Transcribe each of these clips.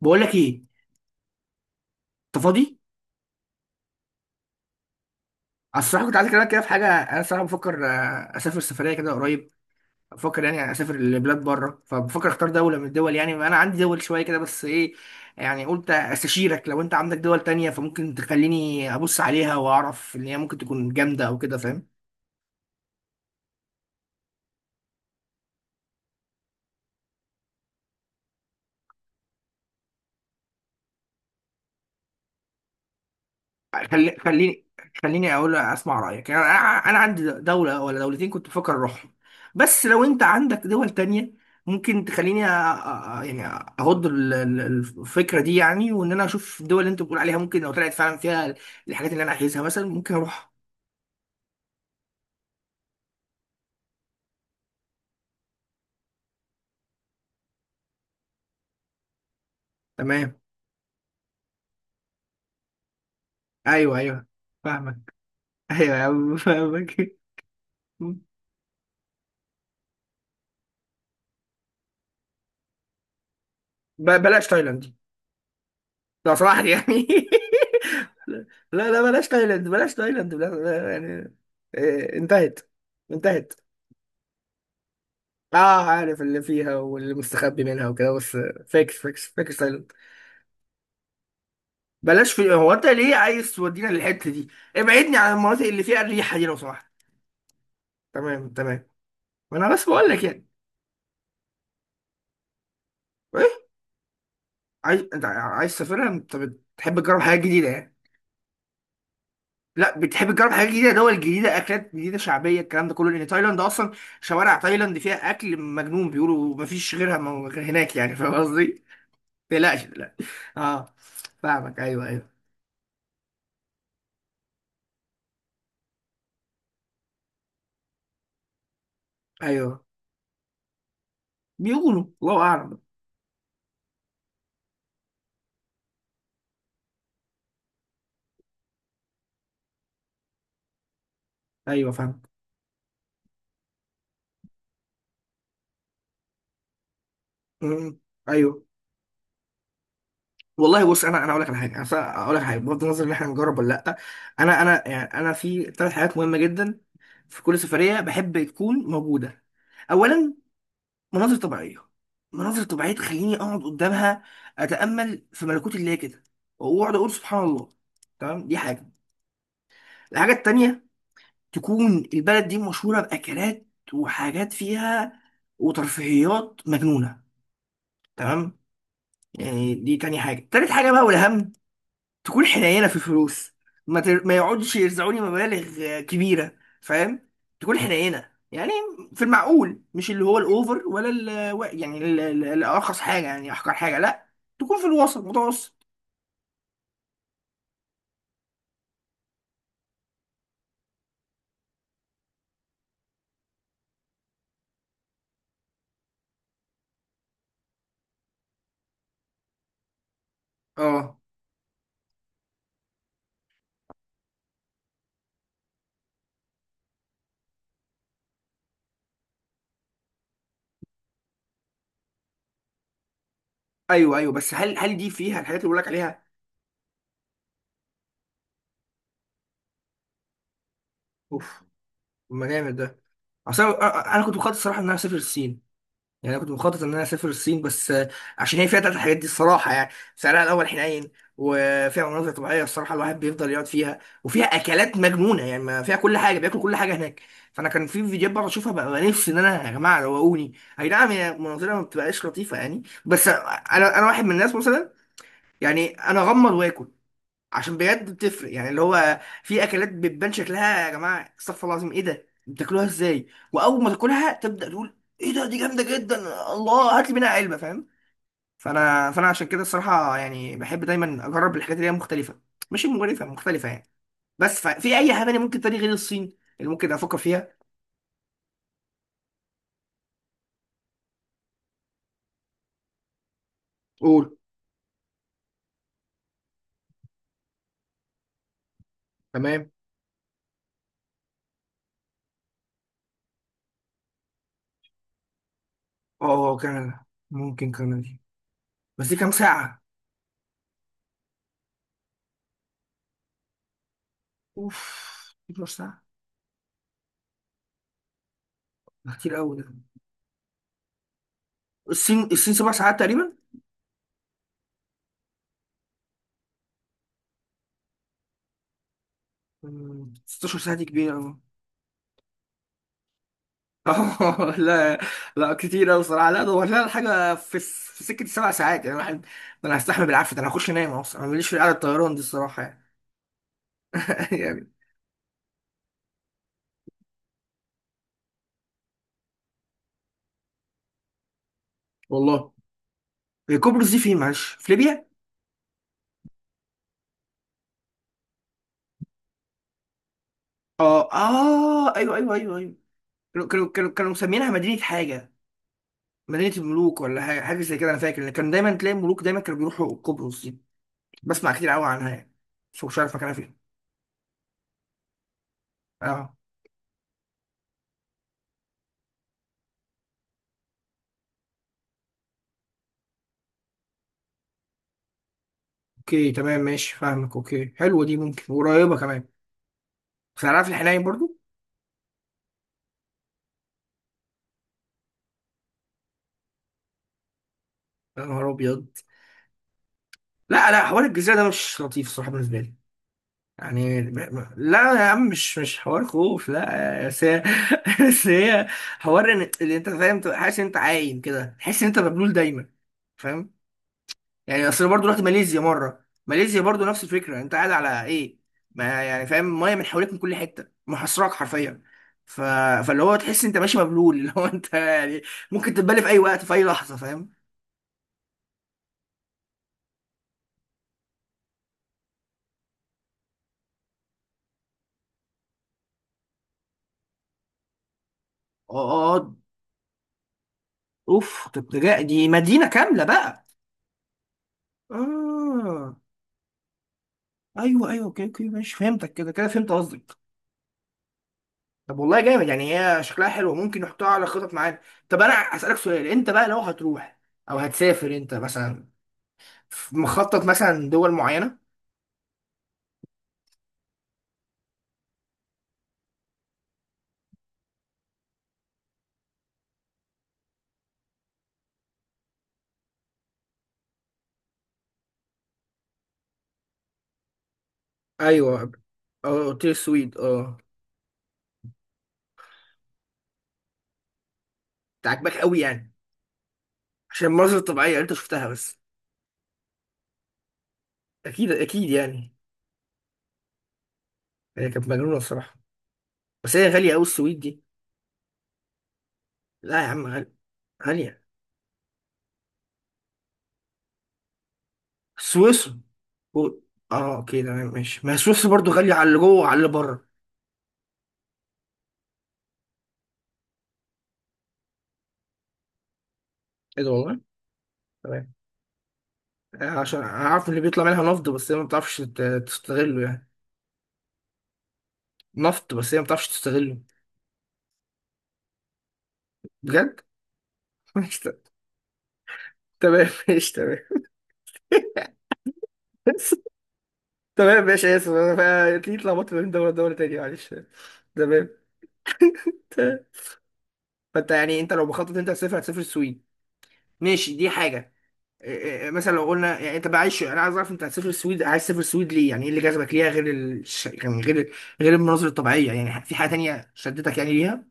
بقول لك ايه. انت فاضي؟ انا الصراحه كنت عايز اكلمك كده في حاجه. انا الصراحه بفكر اسافر سفريه كده قريب. بفكر يعني اسافر لبلاد بره، فبفكر اختار دوله من الدول. يعني انا عندي دول شويه كده، بس ايه، يعني قلت استشيرك. لو انت عندك دول تانية فممكن تخليني ابص عليها واعرف ان هي ممكن تكون جامده او كده، فاهم. خليني خليني اقول اسمع رايك يعني. انا أنا عندي دوله ولا دولتين كنت بفكر اروحهم، بس لو انت عندك دول تانية ممكن تخليني يعني اهض الفكره دي يعني. وان انا اشوف الدول اللي انت بتقول عليها، ممكن لو طلعت فعلا فيها الحاجات اللي انا عايزها مثلا ممكن اروح. تمام. ايوه ايوه، فاهمك. ايوه يا عم فاهمك. بلاش تايلاند دي لو سمحت يعني. لا لا، بلاش تايلاند، بلاش تايلاند، بلاش. يعني انتهت. انتهت. اه، عارف اللي فيها واللي مستخبي منها وكده بس. فيك فيك فيك سايلنت. بلاش. في هو انت ليه عايز تودينا للحته دي؟ ابعدني عن المناطق اللي فيها الريحه دي لو سمحت. تمام تمام. وانا بس بقول لك يعني. ايه، انت عايز تسافرها؟ انت بتحب تجرب حاجات جديده يعني. لا بتحب تجرب حاجات جديده، دول جديده، اكلات جديده شعبيه، الكلام ده كله، لان تايلاند اصلا شوارع تايلاند فيها اكل مجنون. بيقولوا مفيش غيرها، غير هناك يعني، فاهم قصدي؟ ما تقلقش لا. اه، فاهمك. ايوه ايوه. ايوه. بيقولوا الله اعلم. ايوه فاهم. مم. ايوه. والله بص، انا اقول لك على حاجه، انا اقول لك على حاجه بغض النظر ان احنا نجرب ولا لا. انا انا يعني انا في 3 حاجات مهمه جدا في كل سفريه بحب تكون موجوده. اولا مناظر طبيعيه. مناظر طبيعيه تخليني اقعد قدامها، اتامل في ملكوت الله كده، واقعد اقول سبحان الله. تمام، دي حاجه. الحاجه التانيه تكون البلد دي مشهوره باكلات وحاجات فيها وترفيهيات مجنونه. تمام، يعني دي تاني حاجه. تالت حاجه بقى والاهم، تكون حنينه في الفلوس. ما يقعدش يرزعوني مبالغ كبيره، فاهم. تكون حنينه يعني، في المعقول، مش اللي هو الاوفر ولا يعني الارخص حاجه، يعني احقر حاجه، لا. تكون في الوسط، متوسط. اه، ايوه ايوه، بس هل دي فيها الحاجات اللي بقول لك عليها؟ اوف، ما جامد ده. اصل انا، أنا كنت مخطط الصراحه ان انا اسافر الصين. يعني انا كنت مخطط ان انا اسافر الصين بس عشان هي فيها 3 الحاجات دي الصراحه يعني. سعرها الاول حنين، وفيها مناظر طبيعيه الصراحه الواحد بيفضل يقعد فيها، وفيها اكلات مجنونه يعني ما فيها كل حاجه، بياكل كل حاجه هناك. فانا كان في فيديوهات بقعد اشوفها، بقى نفسي ان انا، يا جماعه روقوني. اي نعم هي مناظرها ما بتبقاش لطيفه يعني، بس انا واحد من الناس مثلا يعني انا اغمض واكل، عشان بجد بتفرق يعني. اللي هو في اكلات بتبان شكلها يا جماعه، استغفر الله العظيم ايه ده، بتاكلوها ازاي؟ واول ما تاكلها تبدا تقول، ايه ده، دي جامده جدا، الله هات لي منها علبه، فاهم. فانا عشان كده الصراحه يعني بحب دايما اجرب الحاجات اللي هي مختلفه، مش مقرفه، مختلفه يعني. بس في اي حاجه تانية ممكن تاني غير الصين اللي ممكن افكر فيها؟ قول. تمام. اه، كندا. ممكن كندا دي، بس دي كام ساعه؟ اوف، 12 ساعه؟ ده كتير قوي ده. الصين 7 ساعات تقريبا. 16 ساعه دي كبيره أوي. لا لا كتير قوي صراحه، لا دور لنا حاجه في سكه 7 ساعات، يعني الواحد ده انا هستحمل بالعافيه، ده انا هخش انام اصلا، انا ماليش في قعده الطيران دي الصراحه يعني. يعني. والله، قبرص دي فين معلش، في ليبيا؟ اه اه ايوه ايوه ايوه ايوه، كانوا مسمينها مدينه حاجه، مدينه الملوك ولا حاجه، حاجه زي كده. انا فاكر ان كان دايما تلاقي الملوك دايما كانوا بيروحوا قبرص دي، بسمع كتير قوي عنها يعني، بس مش عارف مكانها فين. اه، اوكي تمام ماشي، فاهمك. اوكي، حلوه دي، ممكن، وقريبه كمان. بس عارف، الحنين برضو. يا نهار ابيض. لا لا، حوار الجزيرة ده مش لطيف الصراحة بالنسبة لي. يعني لا يا عم، مش حوار خوف لا، بس هي، بس هي حوار ان اللي انت فاهم، تبقى حاسس ان انت عايم كده، تحس ان انت مبلول دايما، فاهم. يعني اصل أنا برضو رحت ماليزيا مرة، ماليزيا برضو نفس الفكرة. انت قاعد على ايه؟ ما يعني فاهم، ميه من حواليك من كل حتة، محاصراك حرفيا. ف... فاللي هو تحس انت ماشي مبلول، اللي هو انت يعني ممكن تتبلى في اي وقت في اي لحظة، فاهم. اه. آه، اوف، طب ده دي مدينة كاملة بقى. اه ايوه ايوه، اوكي اوكي ماشي، فهمتك كده، كده فهمت قصدك. طب والله جامد يعني، هي شكلها حلو، ممكن نحطها على خطط معانا. طب انا اسالك سؤال، انت بقى لو هتروح او هتسافر انت مثلا، مخطط مثلا دول معينه؟ ايوه. اه، قلت لي السويد، اه. انت عاجباك قوي يعني؟ عشان المناظر الطبيعيه اللي انت شفتها بس، اكيد اكيد يعني. هي كانت مجنونه الصراحه. بس هي غاليه قوي السويد دي، لا يا عم غاليه. غاليه سويسرا و- اه، اوكي تمام ماشي، ما هي سويسرا برضو غاليه على اللي جوه وعلى اللي بره. ايه ده، والله؟ تمام، عشان عارف اللي بيطلع منها نفط، بس هي ما بتعرفش تستغله يعني. نفط بس هي ما بتعرفش تستغله. بجد؟ ماشي، تمام ماشي، تمام. تمام ماشي، اسف انا، تلاقيني اتلخبطت ما بين دوله لدوله تانية، معلش. تمام. فانت يعني، انت لو بخطط انت هتسافر، هتسافر السويد، ماشي، دي حاجه. إيه- إيه، مثلا لو قلنا يعني انت بقى عايش، انا عايز اعرف انت هتسافر السويد. عايز تسافر السويد ليه؟ يعني ايه اللي جذبك ليها، غير يعني غير، غير المناظر الطبيعيه يعني؟ في حاجه تانية شدتك يعني ليها؟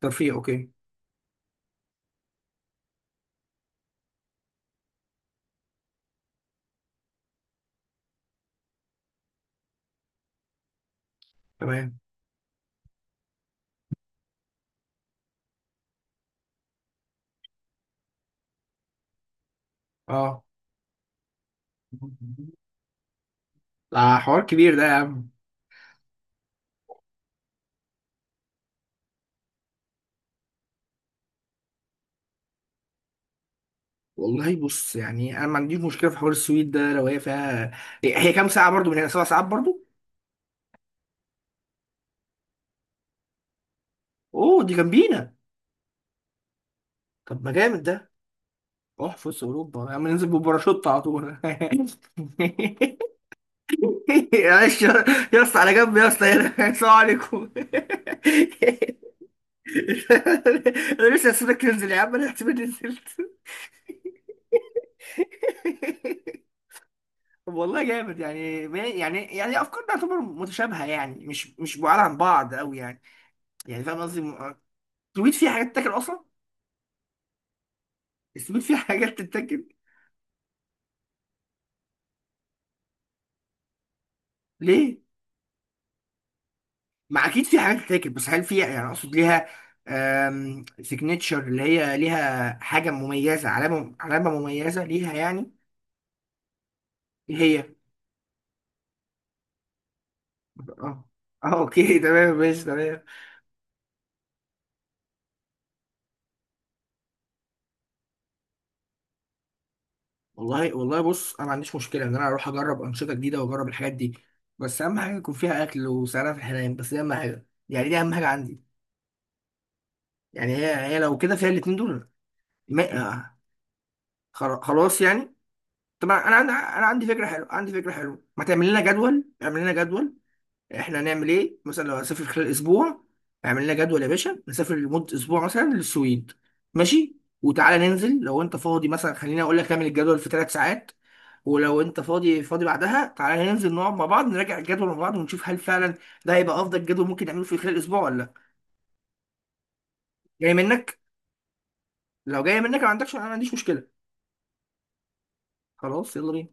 ترفيه، اوكي. تمام. اه، ده حوار كبير ده يا عم. والله بص يعني، انا ما عنديش مشكله في حوار السويد ده لو هي فيها. هي كام ساعه برضو من هنا؟ 7 ساعات برضو؟ اوه، دي جنبينا. طب ما جامد ده. روح في وسط اوروبا يا عم، ننزل بباراشوت على طول. معلش يا، يا اسطى على جنب، يا اسطى هنا. السلام عليكم. انا لسه هسيبك تنزل يا عم، انا احتمال نزلت. طب والله جامد يعني، يعني افكارنا تعتبر متشابهه يعني، مش بعاد عن بعض قوي يعني. يعني فاهم قصدي؟ السويد فيه حاجات تتاكل اصلا؟ السويد فيه حاجات تتاكل؟ ليه؟ ما اكيد فيه حاجات تتاكل، بس هل فيها، يعني اقصد، ليها سيجنتشر اللي هي ليها حاجه مميزه، علامه، مميزه ليها يعني. ايه هي؟ اه اه، اوكي تمام ماشي، تمام. والله والله بص، انا ما عنديش مشكله ان انا اروح اجرب انشطه جديده واجرب الحاجات دي، بس اهم حاجه يكون فيها اكل وسعرها في الحنان. بس دي اهم حاجه يعني، دي اهم حاجه عندي. يعني هي لو كده فيها الاتنين دول، ما، آه، خلاص يعني. طب انا عندي فكره حلوه، عندي فكره حلوه. ما تعمل لنا جدول، اعمل لنا جدول. احنا هنعمل ايه مثلا لو هنسافر خلال اسبوع؟ اعمل لنا جدول يا باشا، نسافر لمده اسبوع مثلا للسويد. ماشي. وتعالى ننزل لو انت فاضي مثلا، خليني اقول لك، اعمل الجدول في 3 ساعات، ولو انت فاضي فاضي بعدها، تعالى ننزل نقعد مع بعض نراجع الجدول مع بعض ونشوف هل فعلا ده هيبقى افضل جدول ممكن نعمله في خلال اسبوع ولا لا. جاي منك؟ لو جاي منك ما عندكش، انا ما عنديش مشكله. خلاص، يلا بينا.